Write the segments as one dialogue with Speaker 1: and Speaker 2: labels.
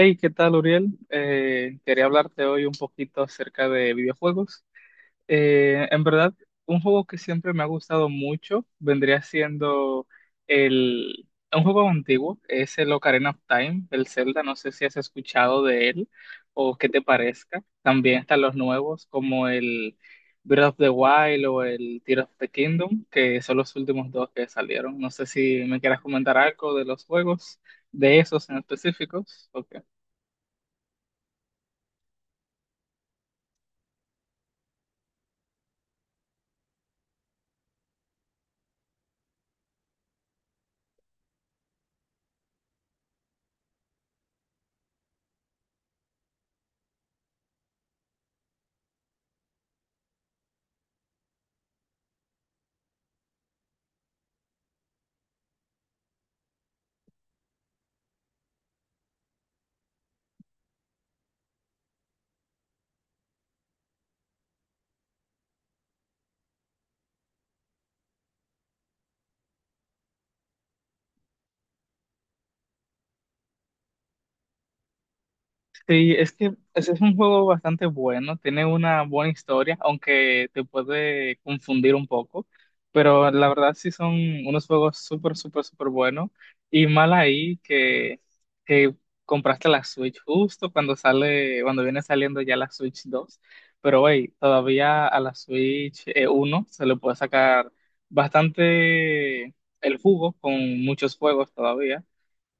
Speaker 1: Hey, ¿qué tal, Uriel? Quería hablarte hoy un poquito acerca de videojuegos. En verdad, un juego que siempre me ha gustado mucho vendría siendo el, un juego antiguo, es el Ocarina of Time, el Zelda. No sé si has escuchado de él o qué te parezca. También están los nuevos como el Breath of the Wild o el Tears of the Kingdom, que son los últimos dos que salieron. No sé si me quieras comentar algo de los juegos, de esos en específicos. Ok. Sí, es que ese es un juego bastante bueno, tiene una buena historia, aunque te puede confundir un poco, pero la verdad sí son unos juegos súper, súper, súper buenos. Y mal ahí que compraste la Switch justo cuando sale, cuando viene saliendo ya la Switch 2, pero hey, todavía a la Switch 1 se le puede sacar bastante el jugo con muchos juegos todavía,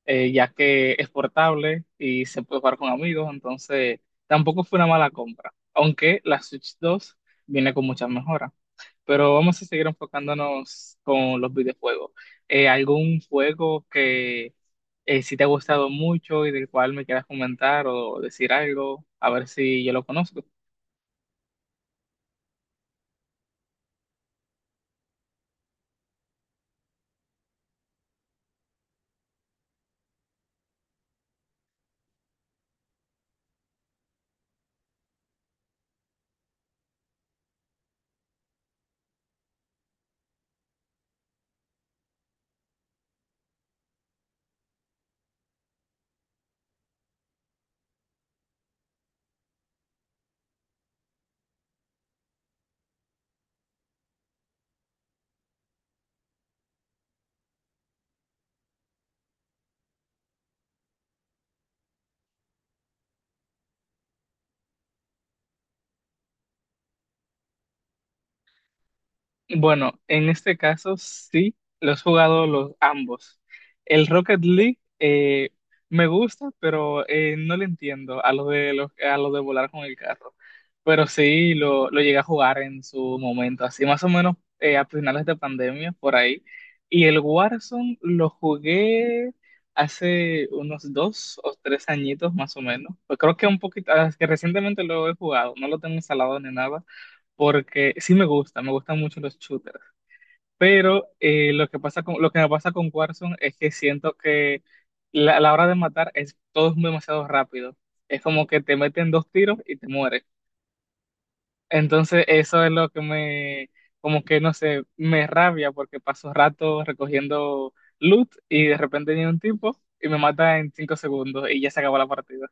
Speaker 1: ya que es portable y se puede jugar con amigos, entonces tampoco fue una mala compra, aunque la Switch 2 viene con muchas mejoras. Pero vamos a seguir enfocándonos con los videojuegos. ¿Algún juego que si te ha gustado mucho y del cual me quieras comentar o decir algo? A ver si yo lo conozco. Bueno, en este caso sí, los he jugado los ambos. El Rocket League me gusta, pero no le entiendo a lo de volar con el carro. Pero sí lo llegué a jugar en su momento, así más o menos, a finales de pandemia, por ahí. Y el Warzone lo jugué hace unos 2 o 3 añitos más o menos. Pues creo que un poquito, ah, es que recientemente lo he jugado, no lo tengo instalado ni nada porque sí me gusta, me gustan mucho los shooters, pero lo que pasa lo que me pasa con Warzone es que siento que a la hora de matar es todo es demasiado rápido. Es como que te meten dos tiros y te mueres. Entonces eso es lo que como que no sé, me rabia porque paso rato recogiendo loot y de repente viene un tipo y me mata en 5 segundos y ya se acabó la partida.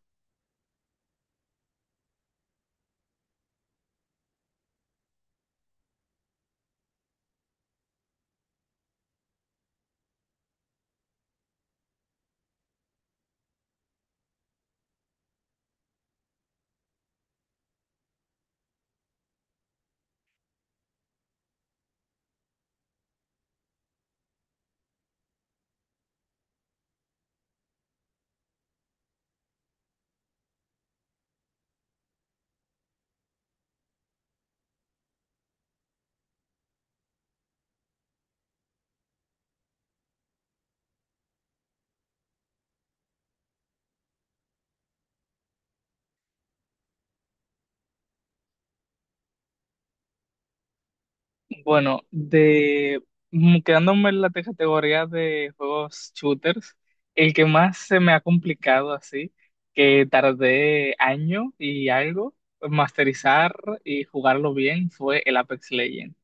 Speaker 1: Bueno, quedándome en la categoría de juegos shooters, el que más se me ha complicado así, que tardé año y algo en masterizar y jugarlo bien, fue el Apex Legends.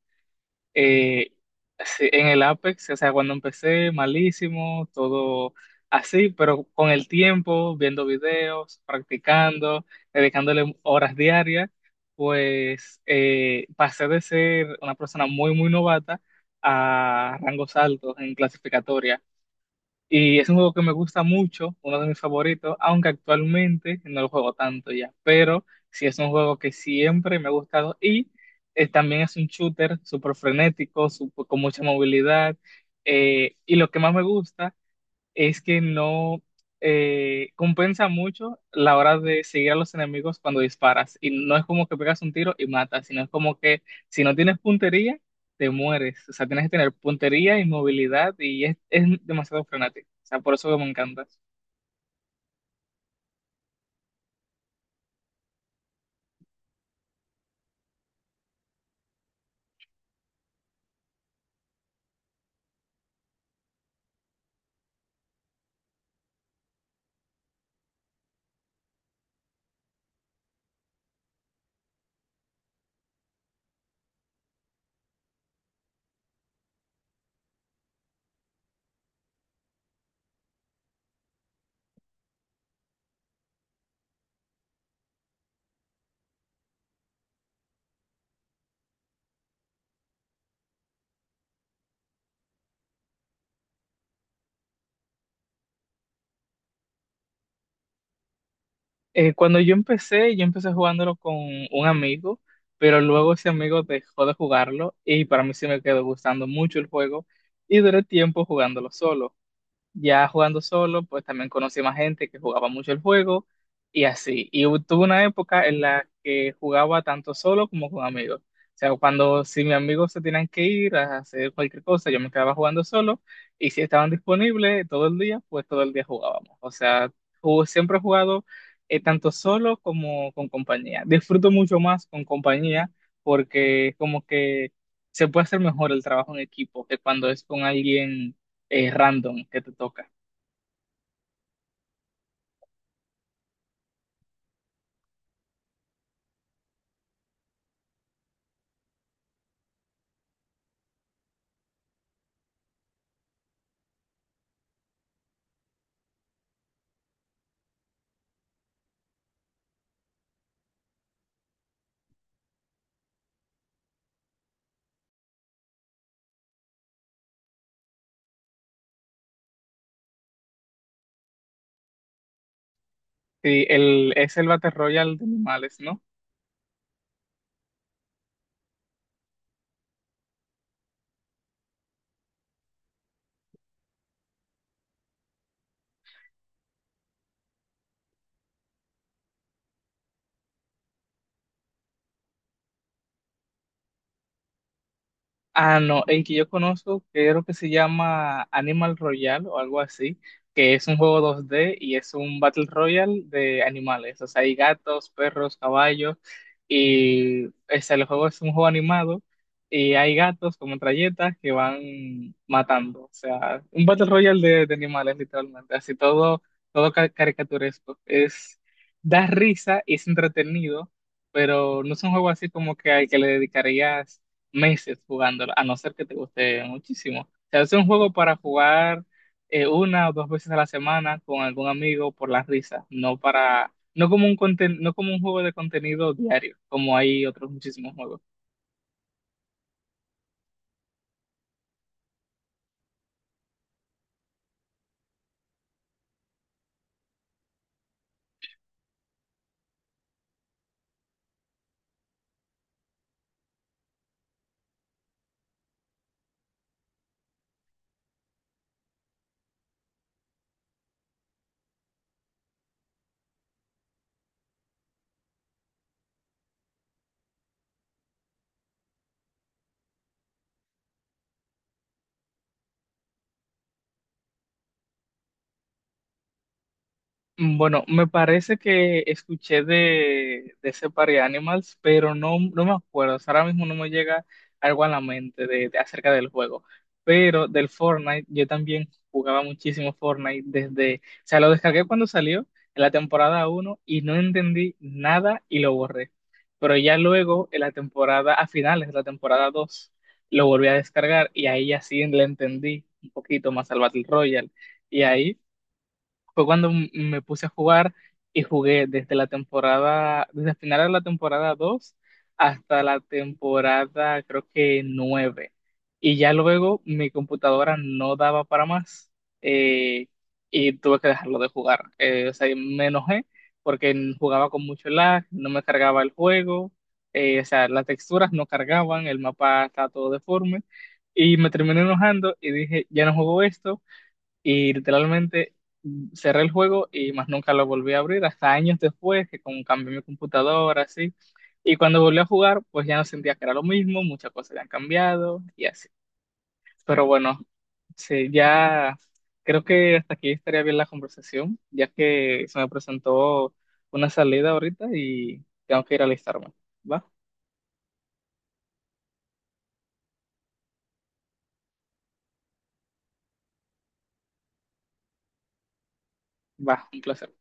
Speaker 1: Eh, sí, en el Apex, o sea, cuando empecé, malísimo, todo así, pero con el tiempo, viendo videos, practicando, dedicándole horas diarias, pues pasé de ser una persona muy, muy novata a rangos altos en clasificatoria. Y es un juego que me gusta mucho, uno de mis favoritos, aunque actualmente no lo juego tanto ya, pero sí es un juego que siempre me ha gustado y, también es un shooter súper frenético, con mucha movilidad. Y lo que más me gusta es que no compensa mucho la hora de seguir a los enemigos cuando disparas. Y no es como que pegas un tiro y matas, sino es como que si no tienes puntería, te mueres. O sea, tienes que tener puntería y movilidad y es demasiado frenético. O sea, por eso que me encanta. Cuando yo empecé, jugándolo con un amigo, pero luego ese amigo dejó de jugarlo y para mí sí me quedó gustando mucho el juego y duré tiempo jugándolo solo. Ya jugando solo, pues también conocí más gente que jugaba mucho el juego y así. Y tuve una época en la que jugaba tanto solo como con amigos. O sea, cuando si mis amigos se tenían que ir a hacer cualquier cosa, yo me quedaba jugando solo y si estaban disponibles todo el día, pues todo el día jugábamos. O sea, siempre he jugado, tanto solo como con compañía. Disfruto mucho más con compañía porque como que se puede hacer mejor el trabajo en equipo que cuando es con alguien random que te toca. Sí, el, es el Battle Royale de animales, ¿no? Ah, no, el que yo conozco creo que se llama Animal Royale o algo así, que es un juego 2D y es un Battle Royale de animales. O sea, hay gatos, perros, caballos y o sea, el juego es un juego animado y hay gatos como metralletas que van matando. O sea, un Battle Royale de animales literalmente, así todo, caricaturesco. Es, da risa y es entretenido, pero no es un juego así como que al que le dedicarías meses jugándolo, a no ser que te guste muchísimo. O sea, es un juego para jugar una o dos veces a la semana con algún amigo por la risa, no para, no como no como un juego de contenido diario, como hay otros muchísimos juegos. Bueno, me parece que escuché de ese par de Animals, pero no, no me acuerdo. O sea, ahora mismo no me llega algo a la mente acerca del juego. Pero del Fortnite, yo también jugaba muchísimo Fortnite desde, o sea, lo descargué cuando salió en la temporada uno y no entendí nada y lo borré. Pero ya luego, a finales de la temporada 2, lo volví a descargar y ahí ya sí le entendí un poquito más al Battle Royale. Y ahí fue cuando me puse a jugar y jugué desde la temporada, desde el final de la temporada 2 hasta la temporada creo que nueve. Y ya luego mi computadora no daba para más, eh, y tuve que dejarlo de jugar. O sea, y me enojé porque jugaba con mucho lag, no me cargaba el juego, o sea, las texturas no cargaban, el mapa estaba todo deforme. Y me terminé enojando y dije, ya no juego esto y literalmente, cerré el juego y más nunca lo volví a abrir hasta años después, que como cambié mi computadora, así. Y cuando volví a jugar, pues ya no sentía que era lo mismo, muchas cosas ya han cambiado y así. Pero bueno, sí, ya creo que hasta aquí estaría bien la conversación, ya que se me presentó una salida ahorita y tengo que ir a alistarme. ¿Va? Va, un placer.